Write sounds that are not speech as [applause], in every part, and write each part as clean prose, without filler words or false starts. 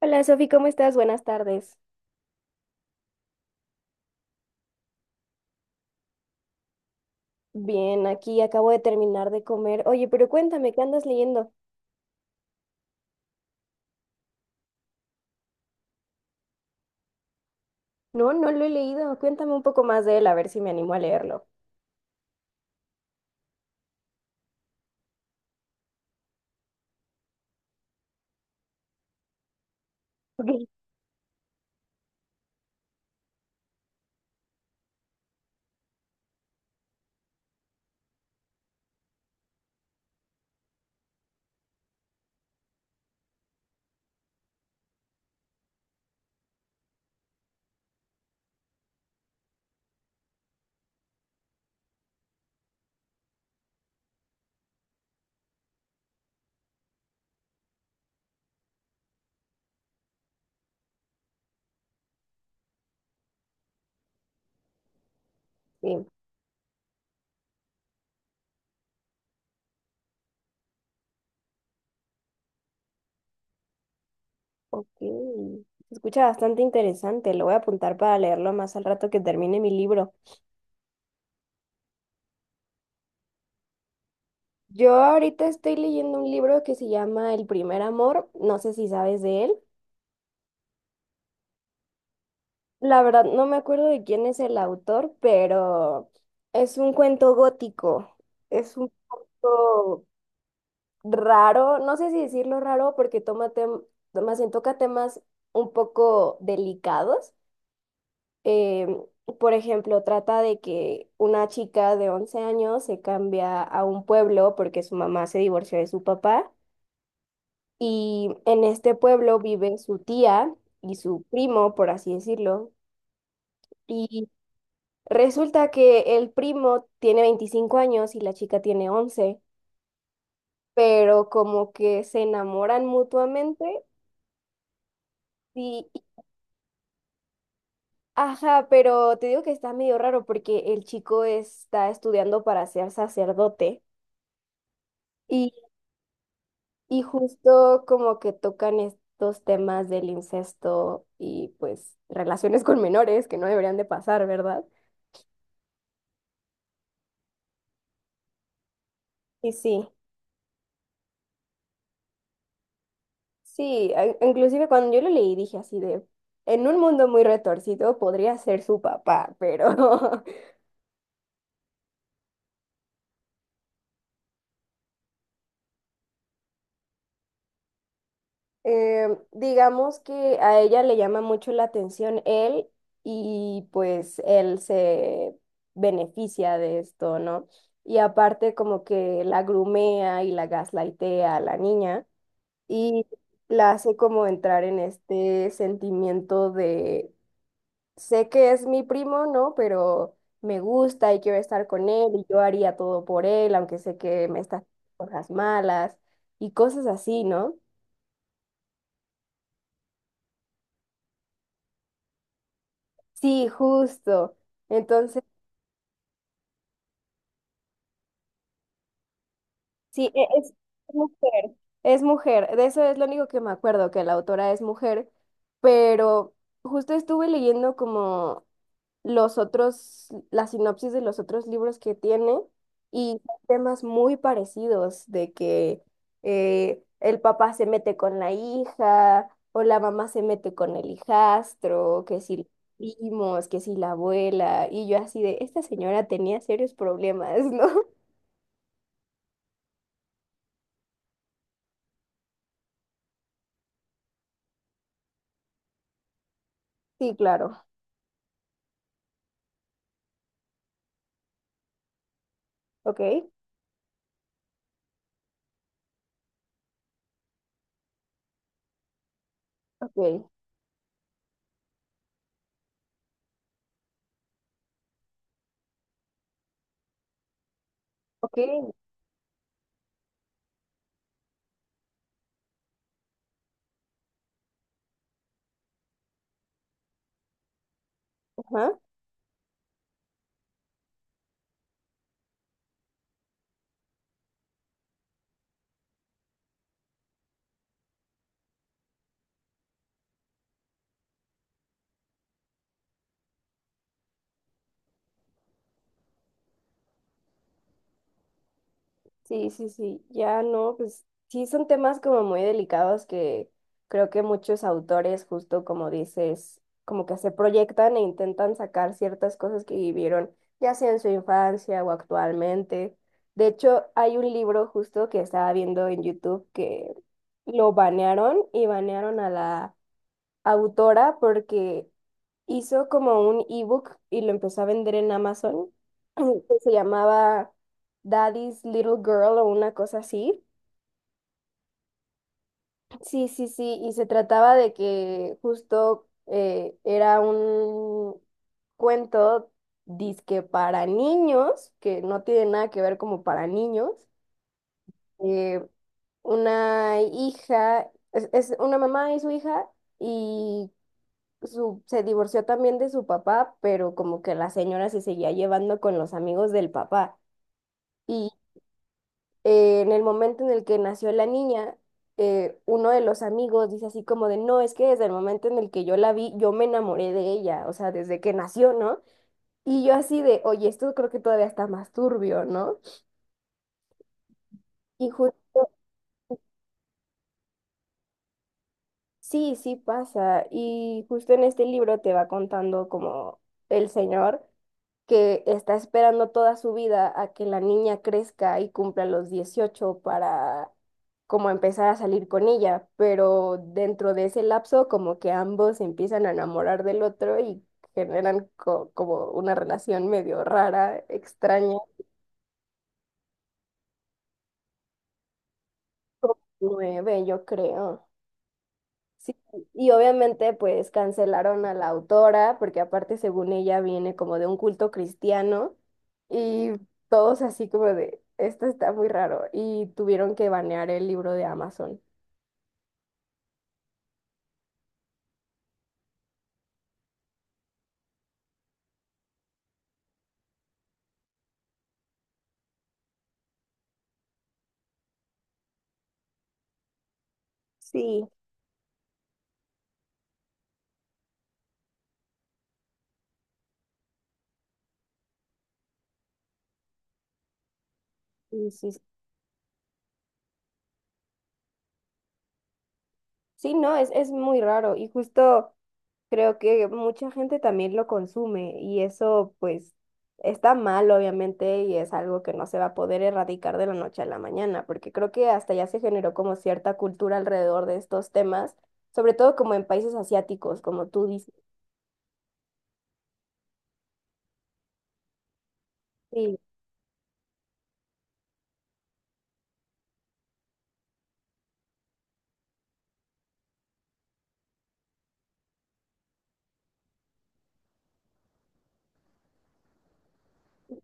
Hola Sofi, ¿cómo estás? Buenas tardes. Bien, aquí acabo de terminar de comer. Oye, pero cuéntame, ¿qué andas leyendo? No, no lo he leído. Cuéntame un poco más de él, a ver si me animo a leerlo. [laughs] Ok. Sí, ok. Se escucha bastante interesante. Lo voy a apuntar para leerlo más al rato que termine mi libro. Yo ahorita estoy leyendo un libro que se llama El primer amor. No sé si sabes de él. La verdad, no me acuerdo de quién es el autor, pero es un cuento gótico. Es un poco raro, no sé si decirlo raro, porque más bien toca temas un poco delicados. Em, por ejemplo, trata de que una chica de 11 años se cambia a un pueblo porque su mamá se divorció de su papá y en este pueblo vive su tía y su primo, por así decirlo. Y resulta que el primo tiene 25 años y la chica tiene 11, pero como que se enamoran mutuamente. Y Ajá, pero te digo que está medio raro porque el chico está estudiando para ser sacerdote y, y justo como que tocan estos temas del incesto y pues relaciones con menores que no deberían de pasar, ¿verdad? Y sí, sí, inclusive cuando yo lo leí dije así de, en un mundo muy retorcido podría ser su papá, pero [laughs] Digamos que a ella le llama mucho la atención él y pues él se beneficia de esto, ¿no? Y aparte como que la grumea y la gaslightea a la niña y la hace como entrar en este sentimiento de, sé que es mi primo, ¿no? Pero me gusta y quiero estar con él y yo haría todo por él, aunque sé que me está haciendo cosas malas y cosas así, ¿no? Sí, justo. Entonces, sí, es mujer, es mujer. De eso es lo único que me acuerdo, que la autora es mujer, pero justo estuve leyendo como los otros, la sinopsis de los otros libros que tiene y son temas muy parecidos, de que el papá se mete con la hija o la mamá se mete con el hijastro, que si los primos, que si la abuela, y yo así de, esta señora tenía serios problemas, [laughs] ¿no? Sí, claro. Ok, ok, ok. Ajá. Sí, sí, sí. Ya no, pues sí son temas como muy delicados que creo que muchos autores, justo como dices, como que se proyectan e intentan sacar ciertas cosas que vivieron, ya sea en su infancia o actualmente. De hecho, hay un libro justo que estaba viendo en YouTube que lo banearon y banearon a la autora porque hizo como un ebook y lo empezó a vender en Amazon [clears throat] que se llamaba Daddy's Little Girl o una cosa así. Sí, sí, sí, y se trataba de que justo era un cuento disque para niños, que no tiene nada que ver como para niños. eh, una hija, es, una mamá y su hija, y se divorció también de su papá, pero como que la señora se seguía llevando con los amigos del papá. Y en el momento en el que nació la niña, uno de los amigos dice así como de, no, es que desde el momento en el que yo la vi, yo me enamoré de ella, o sea, desde que nació, ¿no? Y yo así de, oye, esto creo que todavía está más turbio, ¿no? Y justo, sí, sí pasa. Y justo en este libro te va contando como el señor que está esperando toda su vida a que la niña crezca y cumpla los 18 para como empezar a salir con ella, pero dentro de ese lapso como que ambos se empiezan a enamorar del otro y generan como una relación medio rara, extraña, como 9, yo creo. Sí, y obviamente pues cancelaron a la autora, porque aparte según ella viene como de un culto cristiano, y todos así como de, esto está muy raro, y tuvieron que banear el libro de Amazon. Sí. Y sí, sí, no, es muy raro, y justo. Creo que mucha gente también lo consume y eso pues está mal obviamente y es algo que no se va a poder erradicar de la noche a la mañana, porque creo que hasta ya se generó como cierta cultura alrededor de estos temas, sobre todo como en países asiáticos, como tú dices. Sí,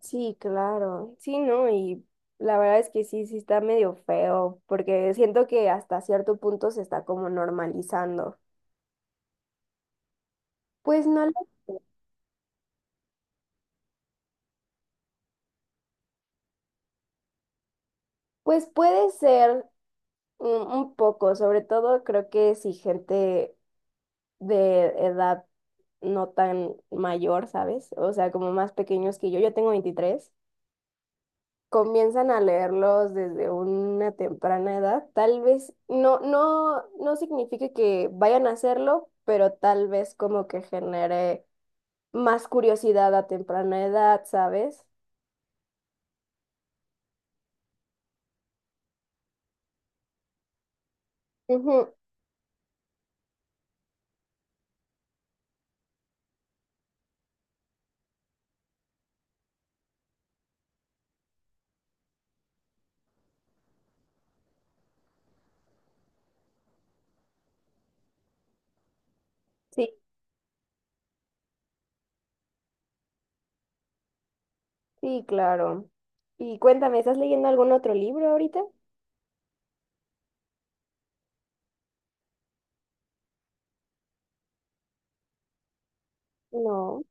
sí, claro. Sí, ¿no? Y la verdad es que sí, sí está medio feo, porque siento que hasta cierto punto se está como normalizando. Pues no, pues puede ser, un poco, sobre todo creo que si gente de edad no tan mayor, ¿sabes? O sea, como más pequeños que yo tengo 23, comienzan a leerlos desde una temprana edad. Tal vez no, no, no signifique que vayan a hacerlo, pero tal vez como que genere más curiosidad a temprana edad, ¿sabes? Ujú, sí, sí, claro. Y cuéntame, ¿estás leyendo algún otro libro ahorita? No.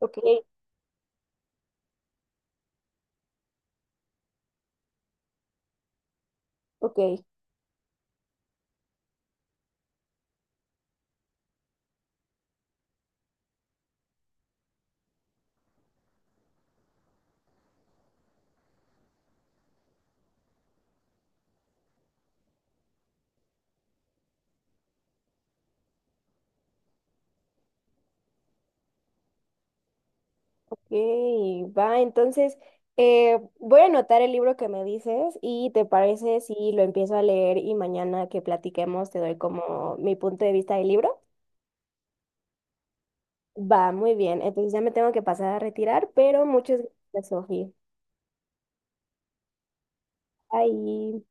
Ok, ok, ok, va, entonces voy a anotar el libro que me dices y te parece si lo empiezo a leer y mañana que platiquemos te doy como mi punto de vista del libro. Va, muy bien, entonces ya me tengo que pasar a retirar, pero muchas gracias, Sofía. Bye.